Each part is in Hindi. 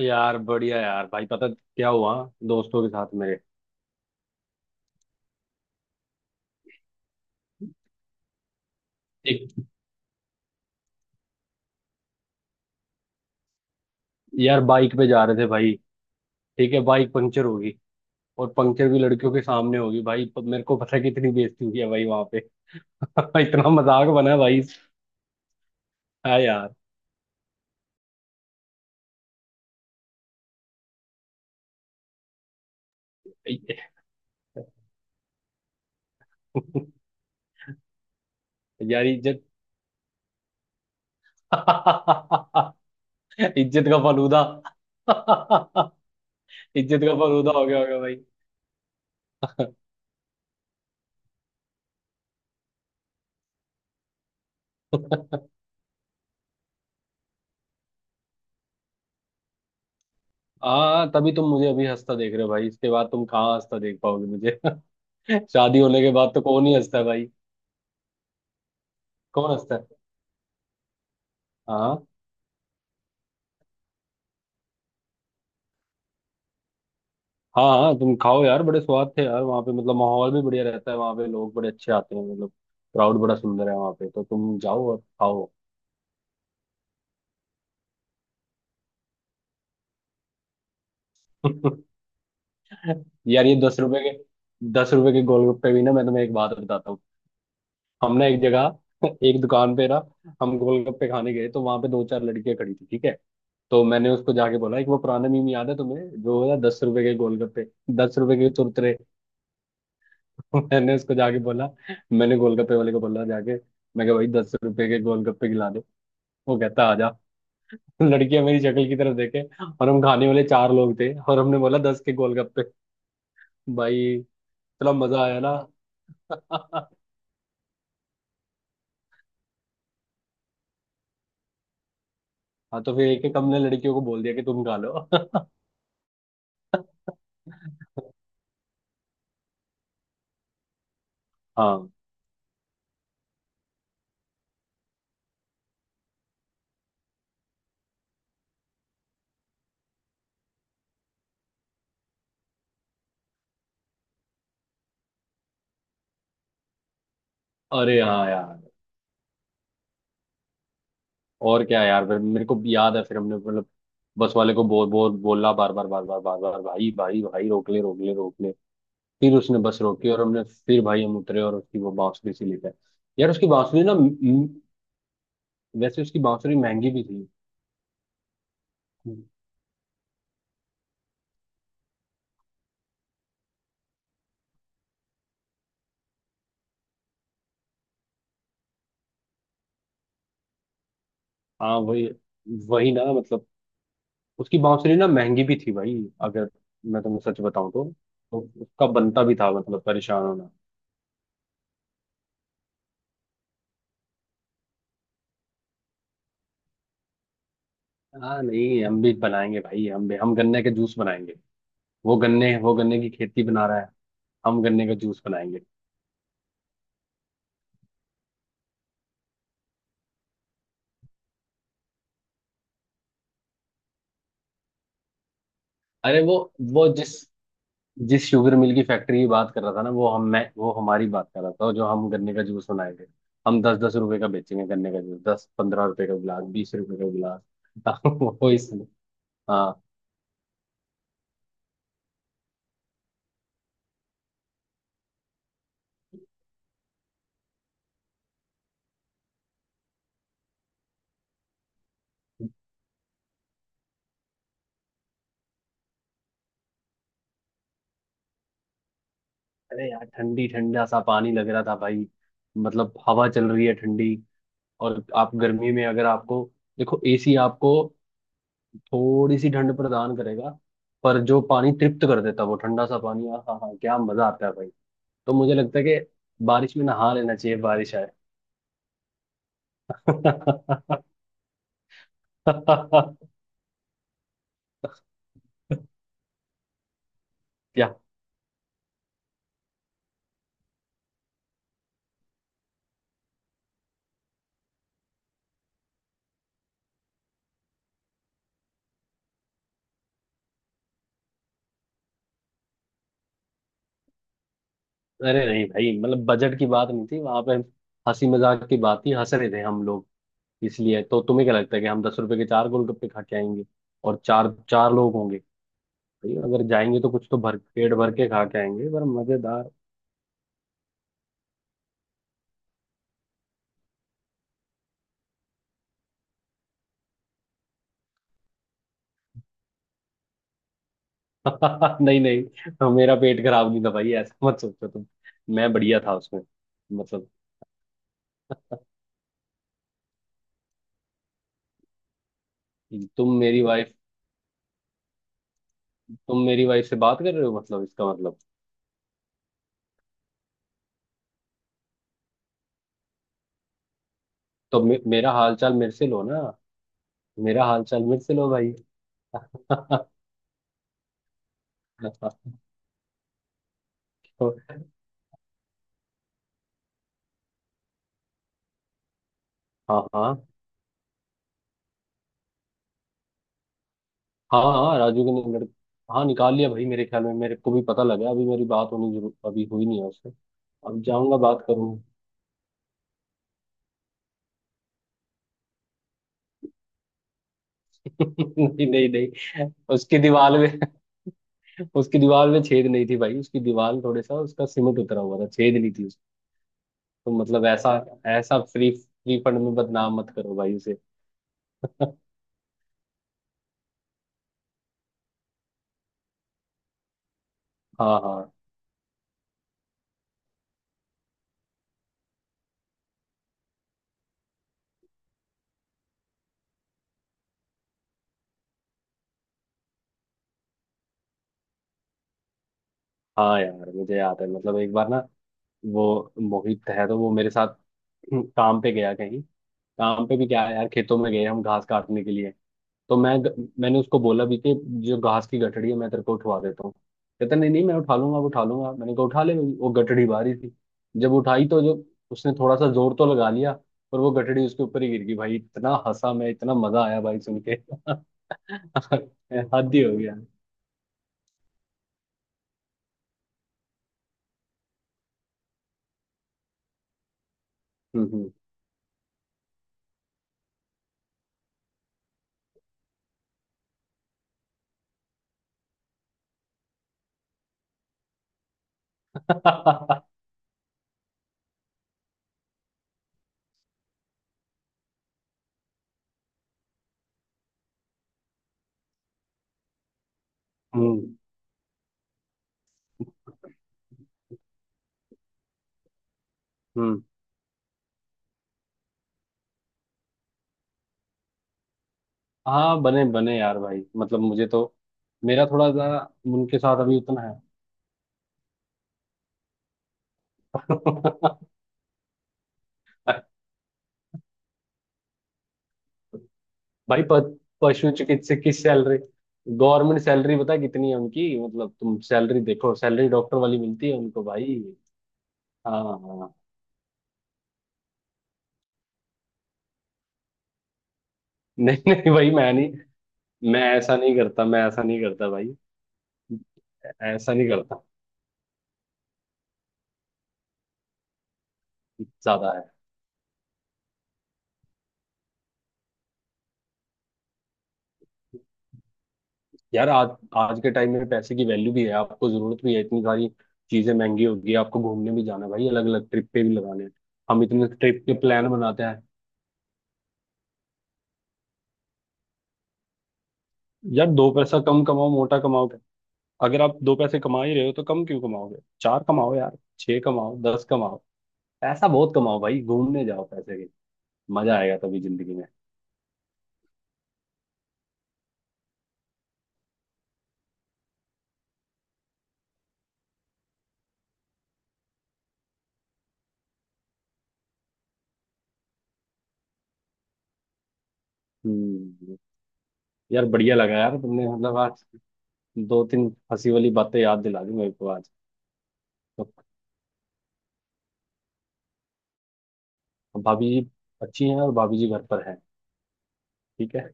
यार बढ़िया यार भाई। पता क्या हुआ दोस्तों के साथ मेरे। एक यार बाइक पे जा रहे थे भाई। ठीक है बाइक पंचर होगी। और पंचर भी लड़कियों के सामने होगी भाई। मेरे को पता है कितनी बेइज्जती हुई है भाई वहां पे। इतना मजाक बना है भाई। हाँ यार। यार इज्जत। इज्जत का फलूदा। इज्जत का फलूदा हो गया होगा भाई। हाँ तभी तुम मुझे अभी हंसता देख रहे हो भाई। इसके बाद तुम कहाँ हंसता देख पाओगे मुझे। शादी होने के बाद तो कौन ही हंसता है भाई। कौन हंसता है। हाँ। हाँ हाँ तुम खाओ यार। बड़े स्वाद थे यार वहाँ पे। मतलब माहौल भी बढ़िया रहता है वहाँ पे। लोग बड़े अच्छे आते हैं मतलब क्राउड बड़ा सुंदर है वहाँ पे। तो तुम जाओ और खाओ। यार ये दस रुपए के 10 रुपए के गोलगप्पे भी ना। मैं तुम्हें एक बात बताता हूँ। हमने एक जगह एक दुकान पे ना हम गोलगप्पे खाने गए। तो वहाँ पे दो चार लड़के खड़ी थी ठीक है। तो मैंने उसको जाके बोला। एक वो पुराना मीम याद है तुम्हें जो है 10 रुपए के गोलगप्पे 10 रुपए के चुरचुरे। मैंने उसको जाके बोला मैंने गोलगप्पे वाले को बोला जाके। मैं कहा भाई 10 रुपए के गोलगप्पे खिला। वो कहता आजा। लड़कियां मेरी शक्ल की तरफ देखे। और हम खाने वाले चार लोग थे और हमने बोला दस के गोलगप्पे भाई। इतना मजा आया ना। हाँ तो फिर एक एक हमने लड़कियों को बोल दिया कि तुम खा लो। हाँ। अरे हाँ यार। और क्या यार फिर मेरे को याद है फिर हमने मतलब बस वाले को बोल बोल बोला बार बार बार बार बार बार भाई भाई भाई रोक ले रोक ले रोक ले। फिर उसने बस रोकी और हमने फिर भाई हम उतरे और उसकी वो बांसुरी सी लेकर। यार उसकी बांसुरी ना वैसे उसकी बांसुरी महंगी भी थी। हाँ। वही वही ना मतलब उसकी बांसुरी ना महंगी भी थी भाई। अगर मैं तुम्हें सच बताऊं तो उसका बनता भी था मतलब परेशान होना। हाँ नहीं हम भी बनाएंगे भाई हम गन्ने के जूस बनाएंगे। वो गन्ने की खेती बना रहा है। हम गन्ने का जूस बनाएंगे। अरे वो जिस जिस शुगर मिल की फैक्ट्री की बात कर रहा था ना। वो हम मैं वो हमारी बात कर रहा था जो हम गन्ने का जूस बनाएंगे। हम 10 10 रुपए का बेचेंगे गन्ने का जूस। 10 15 रुपए का गिलास 20 रुपए का गिलास। वो इसमें। हाँ। अरे यार ठंडी ठंडा सा पानी लग रहा था भाई। मतलब हवा चल रही है ठंडी। और आप गर्मी में अगर आपको देखो एसी आपको थोड़ी सी ठंड प्रदान करेगा। पर जो पानी तृप्त कर देता है, वो ठंडा सा पानी आहा हा क्या मजा आता है भाई। तो मुझे लगता है कि बारिश में नहा लेना चाहिए बारिश आए। क्या। अरे नहीं भाई मतलब बजट की बात नहीं थी वहां पे। हंसी मजाक की बात थी हंस रहे थे हम लोग। इसलिए तो तुम्हें क्या लगता है कि हम 10 रुपए के चार गोलगप्पे खा के आएंगे और चार चार लोग होंगे। भाई अगर जाएंगे तो कुछ तो भर पेट भर के खा के आएंगे पर मजेदार। नहीं नहीं मेरा पेट खराब नहीं था भाई ऐसा मत सोचो तुम। मैं बढ़िया था उसमें। मतलब तुम मेरी वाइफ तुम मेरी वाइफ से बात कर रहे हो मतलब इसका मतलब। तो मेरा हालचाल मेरे से लो ना। मेरा हालचाल मेरे से लो भाई। तो, हाँ हाँ हाँ। हाँ राजू के नंबर। हाँ निकाल लिया भाई मेरे ख्याल में। मेरे को भी पता लगा अभी। मेरी बात होनी जरूर अभी हुई नहीं है उससे। अब जाऊंगा बात करूंगा। नहीं नहीं नहीं उसकी दीवार में उसकी दीवार में छेद नहीं थी भाई। उसकी दीवार थोड़े सा उसका सीमेंट उतरा हुआ था छेद नहीं थी उसकी। तो मतलब ऐसा ऐसा फ्री फ्री फंड में बदनाम मत करो भाई उसे। हाँ हाँ हाँ। यार मुझे याद है मतलब एक बार ना वो मोहित है तो वो मेरे साथ काम पे गया कहीं। काम पे भी क्या है यार खेतों में गए हम घास काटने के लिए। तो मैंने उसको बोला भी कि जो घास की गठड़ी है मैं तेरे को उठवा देता हूँ। कहता नहीं नहीं मैं उठा लूंगा उठा लूंगा। मैंने कहा उठा ले। वो गठड़ी भारी थी। जब उठाई तो जो उसने थोड़ा सा जोर तो लगा लिया पर वो गठड़ी उसके ऊपर ही गिर गई भाई। इतना हंसा मैं इतना मजा आया भाई सुन के। हद ही हो गया। हम्म। हम्म हम्म। हाँ बने बने यार भाई मतलब मुझे तो मेरा थोड़ा सा उनके साथ अभी उतना है। भाई पशु चिकित्सक की सैलरी गवर्नमेंट सैलरी पता है कितनी है उनकी। मतलब तुम सैलरी देखो सैलरी डॉक्टर वाली मिलती है उनको भाई। हाँ हाँ हाँ। नहीं नहीं भाई मैं नहीं। मैं ऐसा नहीं करता मैं ऐसा नहीं करता भाई। ऐसा नहीं करता। ज्यादा है। यार आज आज के टाइम में पैसे की वैल्यू भी है। आपको जरूरत भी है। इतनी सारी चीजें महंगी हो गई है, आपको घूमने भी जाना है भाई अलग अलग ट्रिप पे भी लगाने हैं। हम इतने ट्रिप के प्लान बनाते हैं। यार दो पैसा कम कमाओ मोटा कमाओ। अगर आप दो पैसे कमा ही रहे हो तो कम क्यों कमाओगे? चार कमाओ यार छह कमाओ दस कमाओ। पैसा बहुत कमाओ भाई। घूमने जाओ पैसे के। मजा आएगा तभी जिंदगी में। हम्म। यार बढ़िया लगा यार तुमने मतलब आज दो तीन हंसी वाली बातें याद दिला दी मेरे को आज। तो भाभी जी अच्छी हैं और भाभी जी घर पर हैं। ठीक है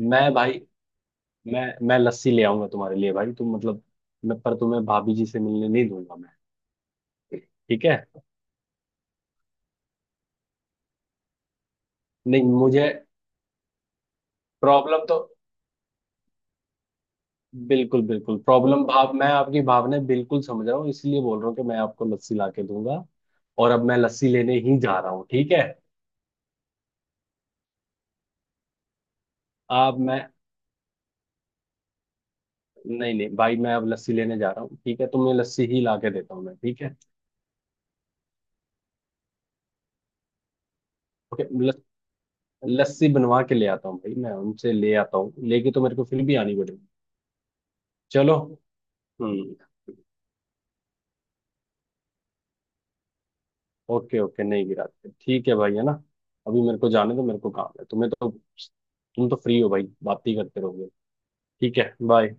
मैं भाई मैं मैं लस्सी ले आऊंगा तुम्हारे लिए भाई तुम मतलब। मैं पर तुम्हें भाभी जी से मिलने नहीं दूंगा मैं। ठीक है नहीं मुझे प्रॉब्लम तो बिल्कुल बिल्कुल प्रॉब्लम भाव मैं आपकी भावनाएं बिल्कुल समझ रहा हूँ इसलिए बोल रहा हूँ कि मैं आपको लस्सी ला के दूंगा। और अब मैं लस्सी लेने ही जा रहा हूँ ठीक है। आप मैं नहीं नहीं भाई मैं अब लस्सी लेने जा रहा हूँ ठीक है। तुम्हें लस्सी ही ला के देता हूँ मैं ठीक है। ओके लस्सी बनवा के ले आता हूँ भाई। मैं उनसे ले आता हूँ लेके तो मेरे को फिर भी आनी पड़ेगी। चलो हम्म ओके ओके नहीं गिराते ठीक है भाई है ना। अभी मेरे को जाने दो मेरे को काम है। तुम तो फ्री हो भाई बात ही करते रहोगे। ठीक है बाय।